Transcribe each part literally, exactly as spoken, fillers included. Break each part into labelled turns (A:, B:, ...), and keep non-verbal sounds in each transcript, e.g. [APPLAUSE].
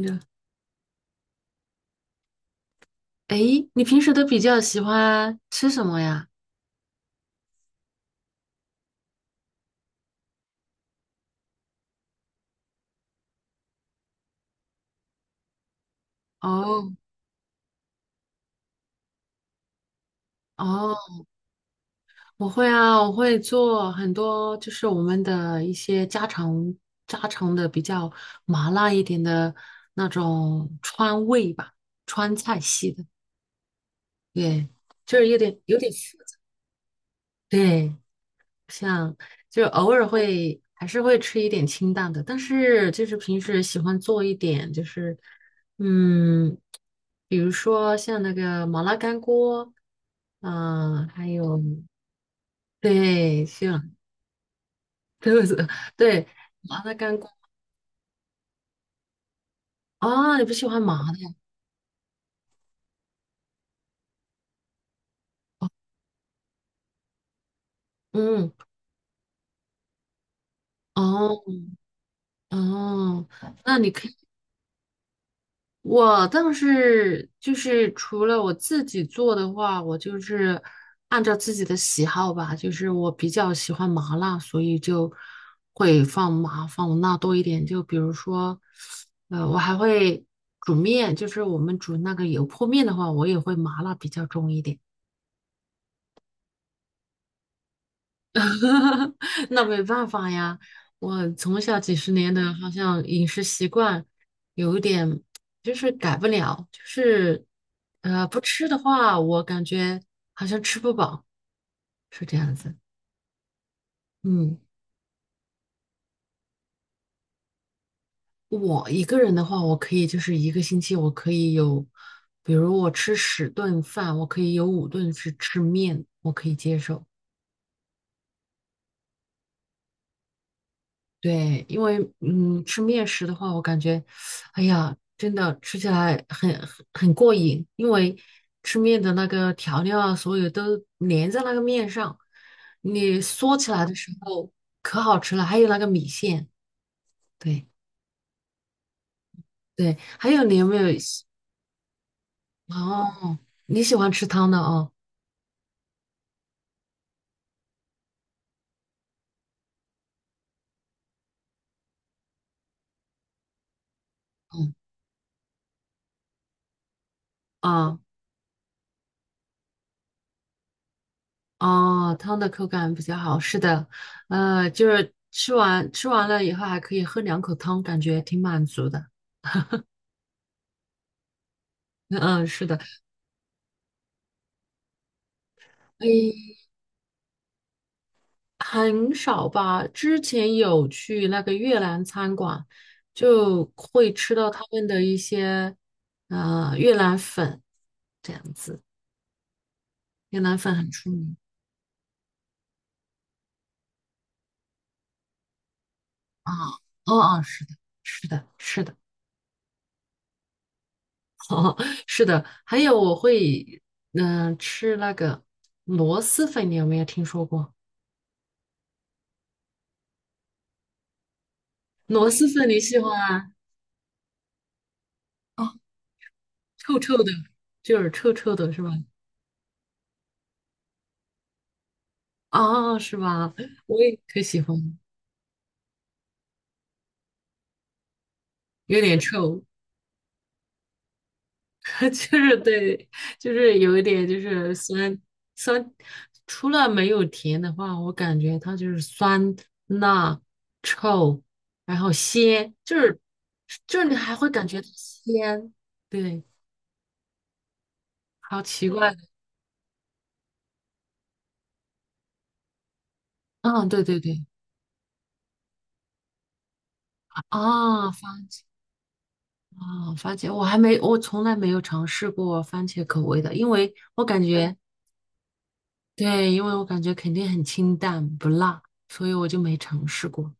A: 的，诶，你平时都比较喜欢吃什么呀？哦哦，我会啊，我会做很多，就是我们的一些家常家常的比较麻辣一点的那种川味吧，川菜系的，对，就是有点有点复杂，对。像就是偶尔会还是会吃一点清淡的，但是就是平时喜欢做一点，就是嗯，比如说像那个麻辣干锅，嗯、还有对，像 [LAUGHS] 对对麻辣干锅啊，你不喜欢麻的呀？嗯，哦哦，那你可以。我倒是就是除了我自己做的话，我就是按照自己的喜好吧，就是我比较喜欢麻辣，所以就会放麻放辣多一点。就比如说，呃，我还会煮面，就是我们煮那个油泼面的话，我也会麻辣比较重一点。[LAUGHS] 那没办法呀，我从小几十年的好像饮食习惯有一点就是改不了，就是呃不吃的话，我感觉好像吃不饱，是这样子。嗯，我一个人的话，我可以就是一个星期我可以有，比如我吃十顿饭，我可以有五顿是吃面，我可以接受。对，因为嗯，吃面食的话，我感觉，哎呀，真的吃起来很很很过瘾，因为吃面的那个调料啊，所有都粘在那个面上，你嗦起来的时候可好吃了。还有那个米线，对对，还有你有没有喜哦？你喜欢吃汤的哦？嗯啊哦，汤的口感比较好，是的，呃，就是吃完吃完了以后还可以喝两口汤，感觉挺满足的。[LAUGHS] 嗯，是的。诶，很少吧。之前有去那个越南餐馆，就会吃到他们的一些呃越南粉这样子。越南粉很出名啊，哦哦，是的，是的，是的，[LAUGHS] 哦，是的。还有我会嗯、呃吃那个螺蛳粉，你有没有听说过？螺蛳粉你喜欢啊？哦，臭臭的，就是臭臭的是吧？啊，是吧？我也可喜欢，有点臭。[LAUGHS] 就是对，就是有一点就是酸酸，除了没有甜的话，我感觉它就是酸、辣、臭，然后鲜，就是就是你还会感觉到鲜，对，好奇怪的。嗯，对对对，啊，番啊番茄，我还没，我从来没有尝试过番茄口味的，因为我感觉，对，因为我感觉肯定很清淡不辣，所以我就没尝试过。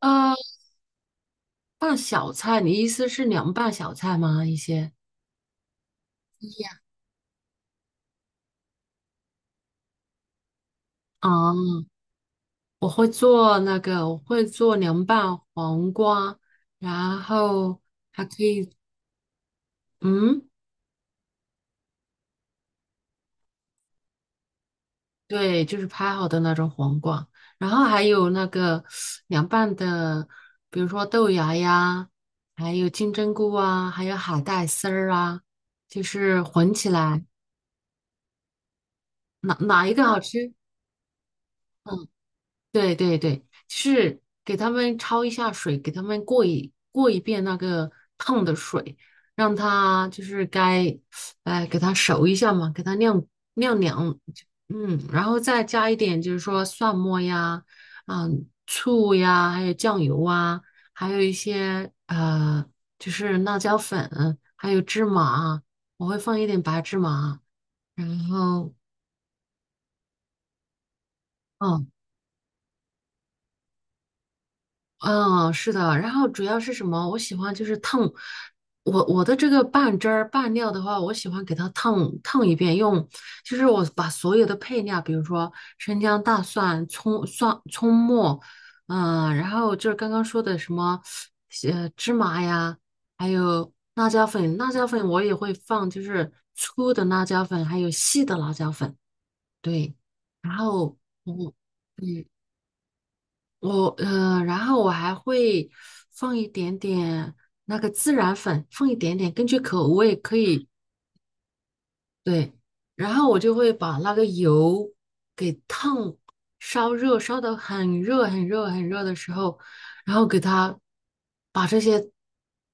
A: 呃，拌小菜，你意思是凉拌小菜吗？一些啊，我会做那个，我会做凉拌黄瓜，然后还可以，嗯，对，就是拍好的那种黄瓜，然后还有那个凉拌的，比如说豆芽呀，还有金针菇啊，还有海带丝儿啊，就是混起来，哪哪一个好吃？嗯。对对对，就是给他们焯一下水，给他们过一过一遍那个烫的水，让它就是该，哎，给它熟一下嘛，给它晾晾凉，嗯，然后再加一点就是说蒜末呀，嗯，醋呀，还有酱油啊，还有一些呃，就是辣椒粉，还有芝麻，我会放一点白芝麻，然后。嗯嗯，是的，然后主要是什么？我喜欢就是烫，我我的这个拌汁儿拌料的话，我喜欢给它烫烫一遍，用就是我把所有的配料，比如说生姜、大蒜、葱、蒜、葱末，嗯，然后就是刚刚说的什么，呃，芝麻呀，还有辣椒粉，辣椒粉我也会放，就是粗的辣椒粉，还有细的辣椒粉，对，然后我。嗯我呃，然后我还会放一点点那个孜然粉，放一点点，根据口味可以，对。然后我就会把那个油给烫，烧热，烧得很热很热很热的时候，然后给它把这些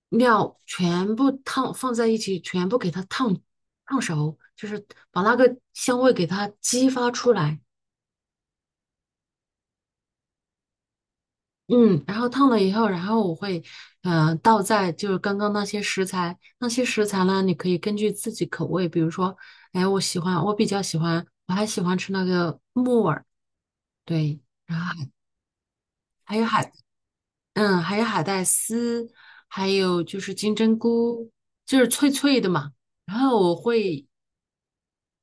A: 料全部烫放在一起，全部给它烫烫熟，就是把那个香味给它激发出来。嗯，然后烫了以后，然后我会，嗯、倒在就是刚刚那些食材，那些食材呢，你可以根据自己口味，比如说，哎，我喜欢，我比较喜欢，我还喜欢吃那个木耳，对，然后还还有海，嗯，还有海带丝，还有就是金针菇，就是脆脆的嘛。然后我会，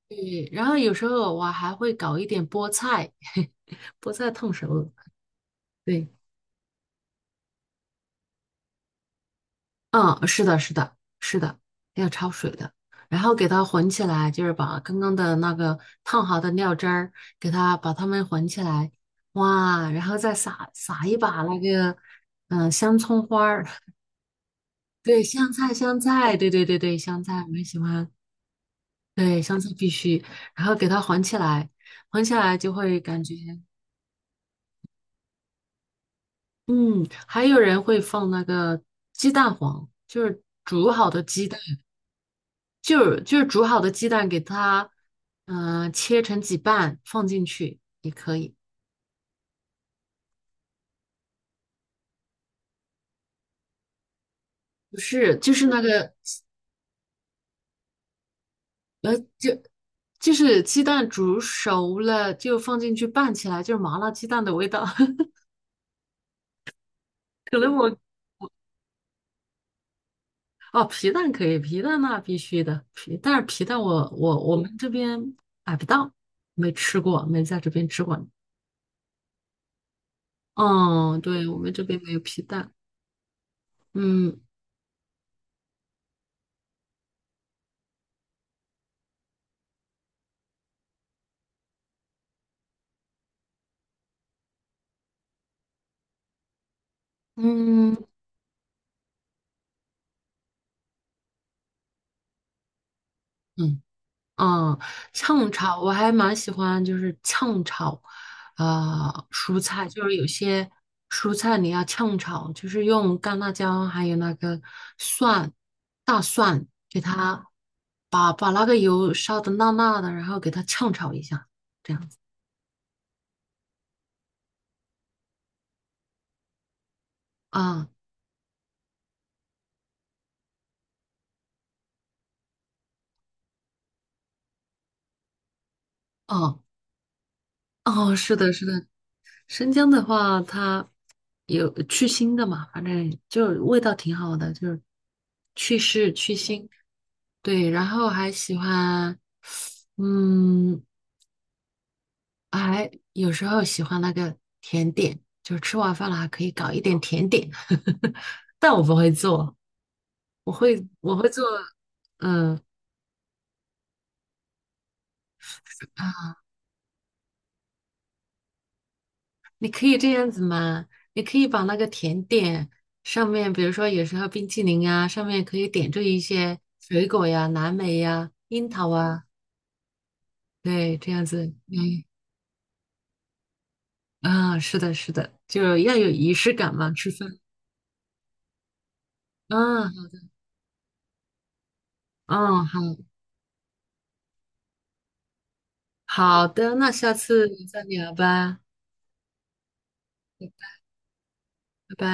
A: 对，然后有时候我还会搞一点菠菜，[LAUGHS] 菠菜烫熟了，对。嗯，是的，是的，是的，要焯水的，然后给它混起来，就是把刚刚的那个烫好的料汁儿，给它把它们混起来，哇，然后再撒撒一把那个，嗯、香葱花儿，[LAUGHS] 对，香菜，香菜，对对对对，香菜，我很喜欢，对，香菜必须，然后给它混起来，混起来就会感觉，嗯，还有人会放那个鸡蛋黄，就是煮好的鸡蛋。就是就是煮好的鸡蛋给它，嗯、切成几瓣放进去也可以。不是，就是那个，就是鸡蛋煮熟了就放进去拌起来，就是麻辣鸡蛋的味道。[LAUGHS] 可能我哦，皮蛋可以，皮蛋那必须的，皮，但是皮蛋我我我们这边买不到，没吃过，没在这边吃过。嗯，对，我们这边没有皮蛋。嗯嗯嗯。嗯，炝炒我还蛮喜欢，就是炝炒，呃，蔬菜，就是有些蔬菜你要炝炒，就是用干辣椒还有那个蒜、大蒜，给它把把那个油烧的辣辣的，然后给它炝炒一下，这样子。啊，哦哦，是的，是的，生姜的话，它有去腥的嘛，反正就是味道挺好的，就是去湿去腥。对，然后还喜欢，嗯，还有时候喜欢那个甜点，就是吃完饭了还可以搞一点甜点，[LAUGHS] 但我不会做，我会我会做，嗯。你可以这样子嘛？你可以把那个甜点上面，比如说有时候冰淇淋啊，上面可以点缀一些水果呀、蓝莓呀、樱桃啊，对，这样子。嗯啊，是的，是的，就要有仪式感嘛，吃饭。嗯嗯，好好的，那下次再聊吧，拜拜。